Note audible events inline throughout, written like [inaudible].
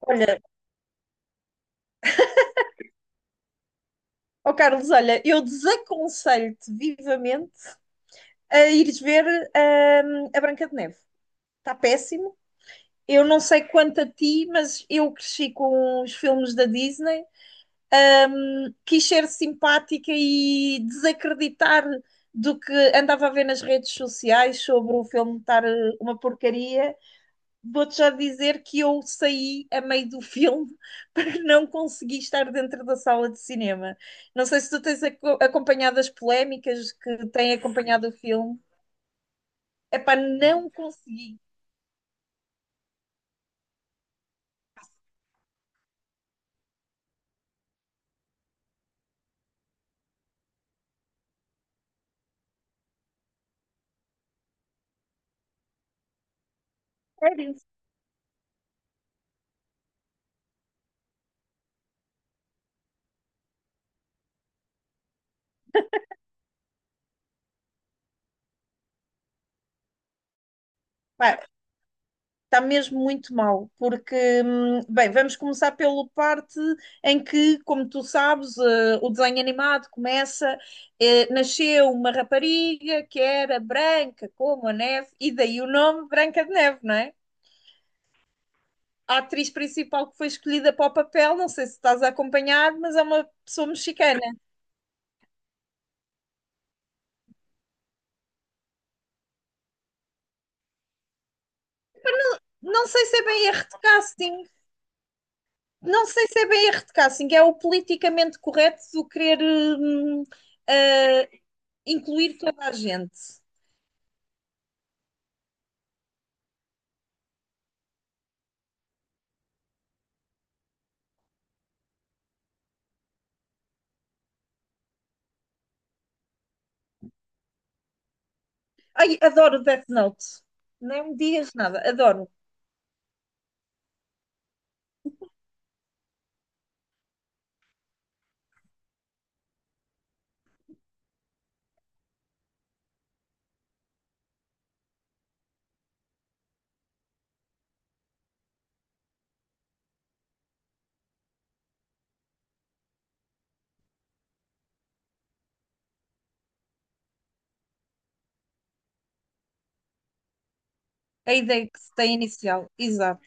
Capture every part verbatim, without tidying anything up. Olha, ó Carlos, olha, eu desaconselho-te vivamente a ires ver hum, a Branca de Neve. Está péssimo. Eu não sei quanto a ti, mas eu cresci com os filmes da Disney, quis ser simpática e desacreditar do que andava a ver nas redes sociais sobre o filme estar eh, uma porcaria. Vou-te já dizer que eu saí a meio do filme [laughs] para não conseguir estar dentro da sala de cinema. Não sei se tu tens aco- acompanhado as polémicas que têm acompanhado o filme. Epá, não consegui. Sério? Pá, está mesmo muito mal, porque, hum, bem, vamos começar pela parte em que, como tu sabes, eh, o desenho animado começa, eh, nasceu uma rapariga que era branca como a neve, e daí o nome Branca de Neve, não é? A atriz principal que foi escolhida para o papel, não sei se estás a acompanhar, mas é uma pessoa mexicana. Não sei se é bem erro de casting, não sei se é bem erro de casting, é o politicamente correto do querer hum, uh, incluir toda a gente. Ai, adoro Death Note, nem me digas nada, adoro a ideia que se tem inicial, exato.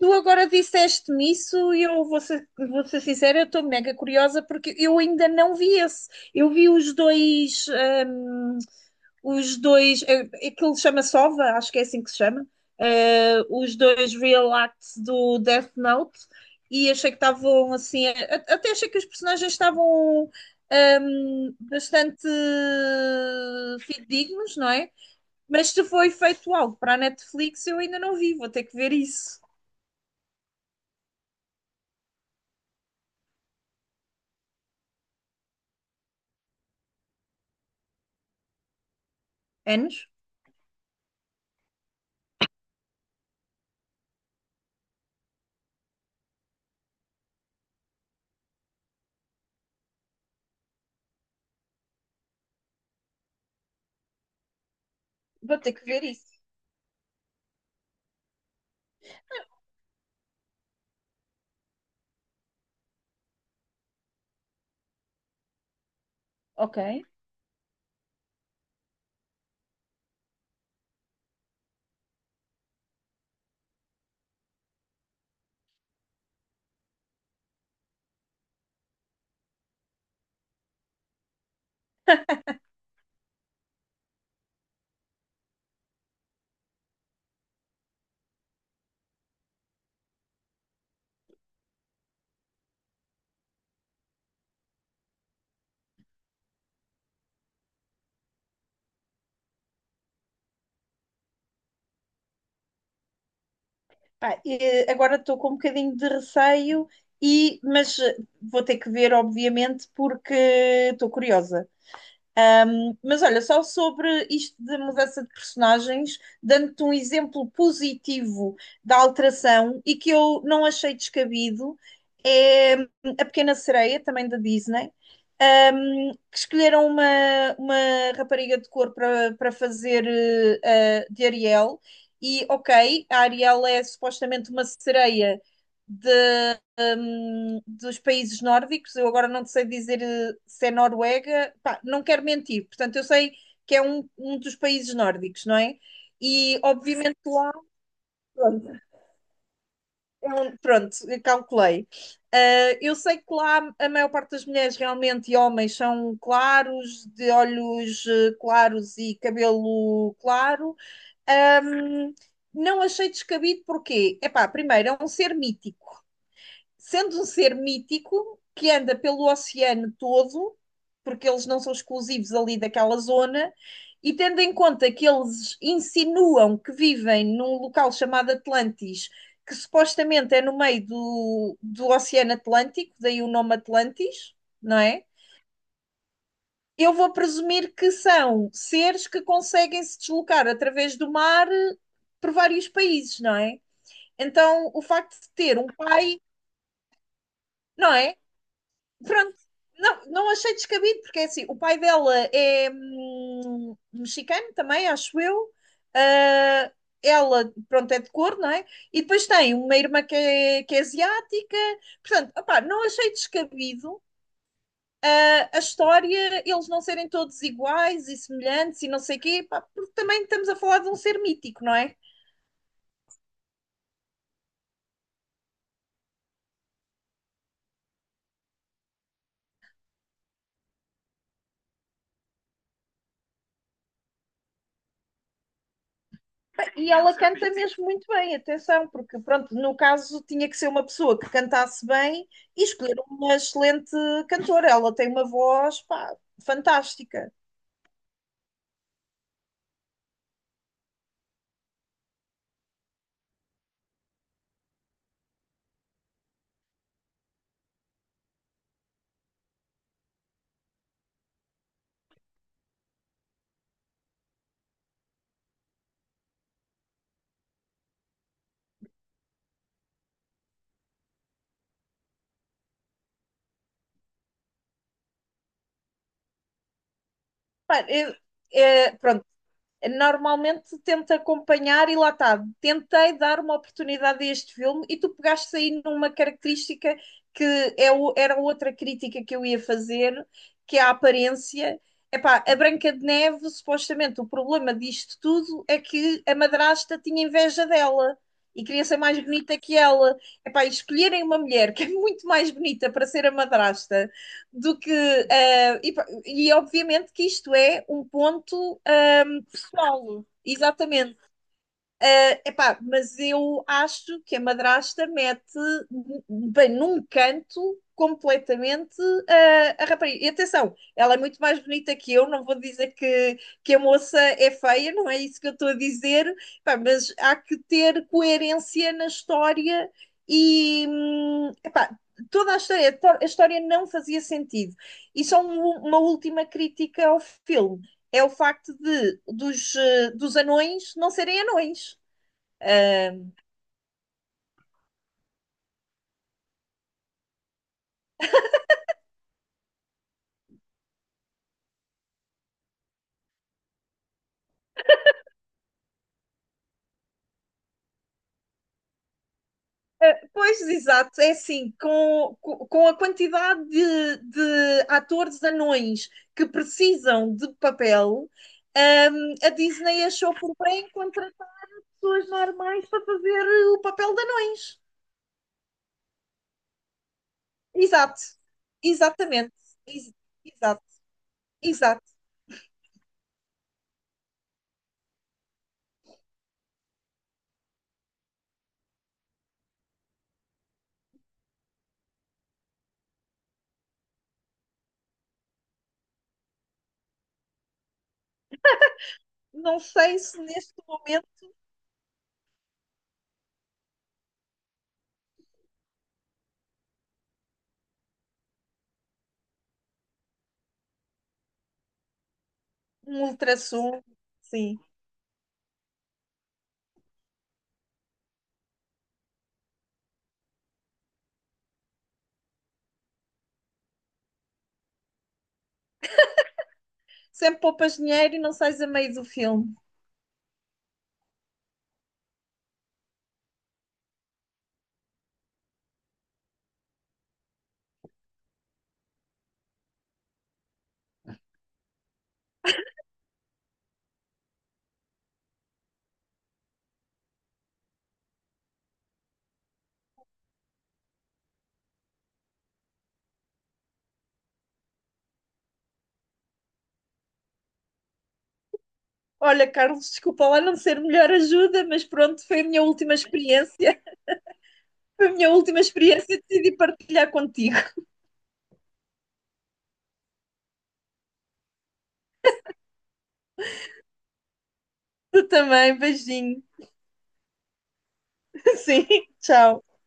Tu agora disseste-me isso e eu vou ser, vou ser sincera, eu estou mega curiosa porque eu ainda não vi esse. Eu vi os dois, hum, os dois, eh, aquilo chama Sova, acho que é assim que se chama, eh, os dois real acts do Death Note e achei que estavam assim, a- até achei que os personagens estavam hum, bastante dignos, não é? Mas se foi feito algo para a Netflix, eu ainda não vi, vou ter que ver isso. Anos? Vou ter que ver isso. Ok. Pá, eh, agora estou com um bocadinho de receio, e, mas eh, vou ter que ver, obviamente, porque estou curiosa. Mas olha, só sobre isto de mudança de personagens, dando-te um exemplo positivo da alteração e que eu não achei descabido, é hum, a Pequena Sereia, também da Disney, um, que escolheram uma, uma rapariga de cor para para fazer uh, de Ariel. E ok, a Ariel é supostamente uma sereia de hum, dos países nórdicos. Eu agora não te sei dizer eh, se é Noruega, pá, não quero mentir. Portanto, eu sei que é um, um dos países nórdicos, não é? E obviamente lá, pronto, é um- pronto, eu calculei. Ah, eu sei que lá a maior parte das mulheres realmente e homens são claros, de olhos eh, claros e cabelo claro. Ahm, não achei descabido porque, epá, primeiro, é um ser mítico. Sendo um ser mítico que anda pelo oceano todo, porque eles não são exclusivos ali daquela zona, e tendo em conta que eles insinuam que vivem num local chamado Atlantis, que supostamente é no meio do, do Oceano Atlântico, daí o nome Atlantis, não é? Eu vou presumir que são seres que conseguem se deslocar através do mar por vários países, não é? Então, o facto de ter um pai, não é? Pronto, não, não achei descabido, porque é assim, o pai dela é hum, mexicano também, acho eu. Ah, ela, pronto, é de cor, não é? E depois tem uma irmã que é, que é asiática. Portanto, opá, não achei descabido a, a história, eles não serem todos iguais e semelhantes e não sei o quê, pá, porque também estamos a falar de um ser mítico, não é? E ela canta mesmo muito bem, atenção, porque pronto, no caso tinha que ser uma pessoa que cantasse bem e escolher uma excelente cantora. Ela tem uma voz, pá, fantástica. Pá, é- é, pronto, normalmente tento acompanhar e lá está, tentei dar uma oportunidade a este filme e tu pegaste aí numa característica que é o- era outra crítica que eu ia fazer, que é a aparência. Epá, a Branca de Neve, supostamente, o problema disto tudo é que a madrasta tinha inveja dela e queria ser mais bonita que ela. Epá, e escolherem uma mulher que é muito mais bonita para ser a madrasta do que. Eh, e, pá, e obviamente que isto é um ponto. Eh, solo. Exatamente. Uh, epá, mas eu acho que a madrasta mete bem num canto completamente uh, a rapariga. E atenção, ela é muito mais bonita que eu, não vou dizer que, que a moça é feia, não é isso que eu estou a dizer, epá, mas há que ter coerência na história e hum, epá, toda a história, to- a história não fazia sentido. E só um- uma última crítica ao filme é o facto de dos, eh, dos anões não serem anões. Uh, pois, exato, é assim, com, com a quantidade de, de atores anões que precisam de papel, um, a Disney achou por bem contratar pessoas normais para fazer o papel de anões. Exato, exatamente, Ex- exato, exato. Não sei se neste momento um ultrassom, sim. Sempre poupas dinheiro e não sais a meio do filme. Olha, Carlos, desculpa lá não ser melhor ajuda, mas pronto, foi a minha última experiência. [laughs] Foi a minha última experiência e decidi partilhar contigo. [laughs] Tu também, beijinho. [laughs] Sim, tchau.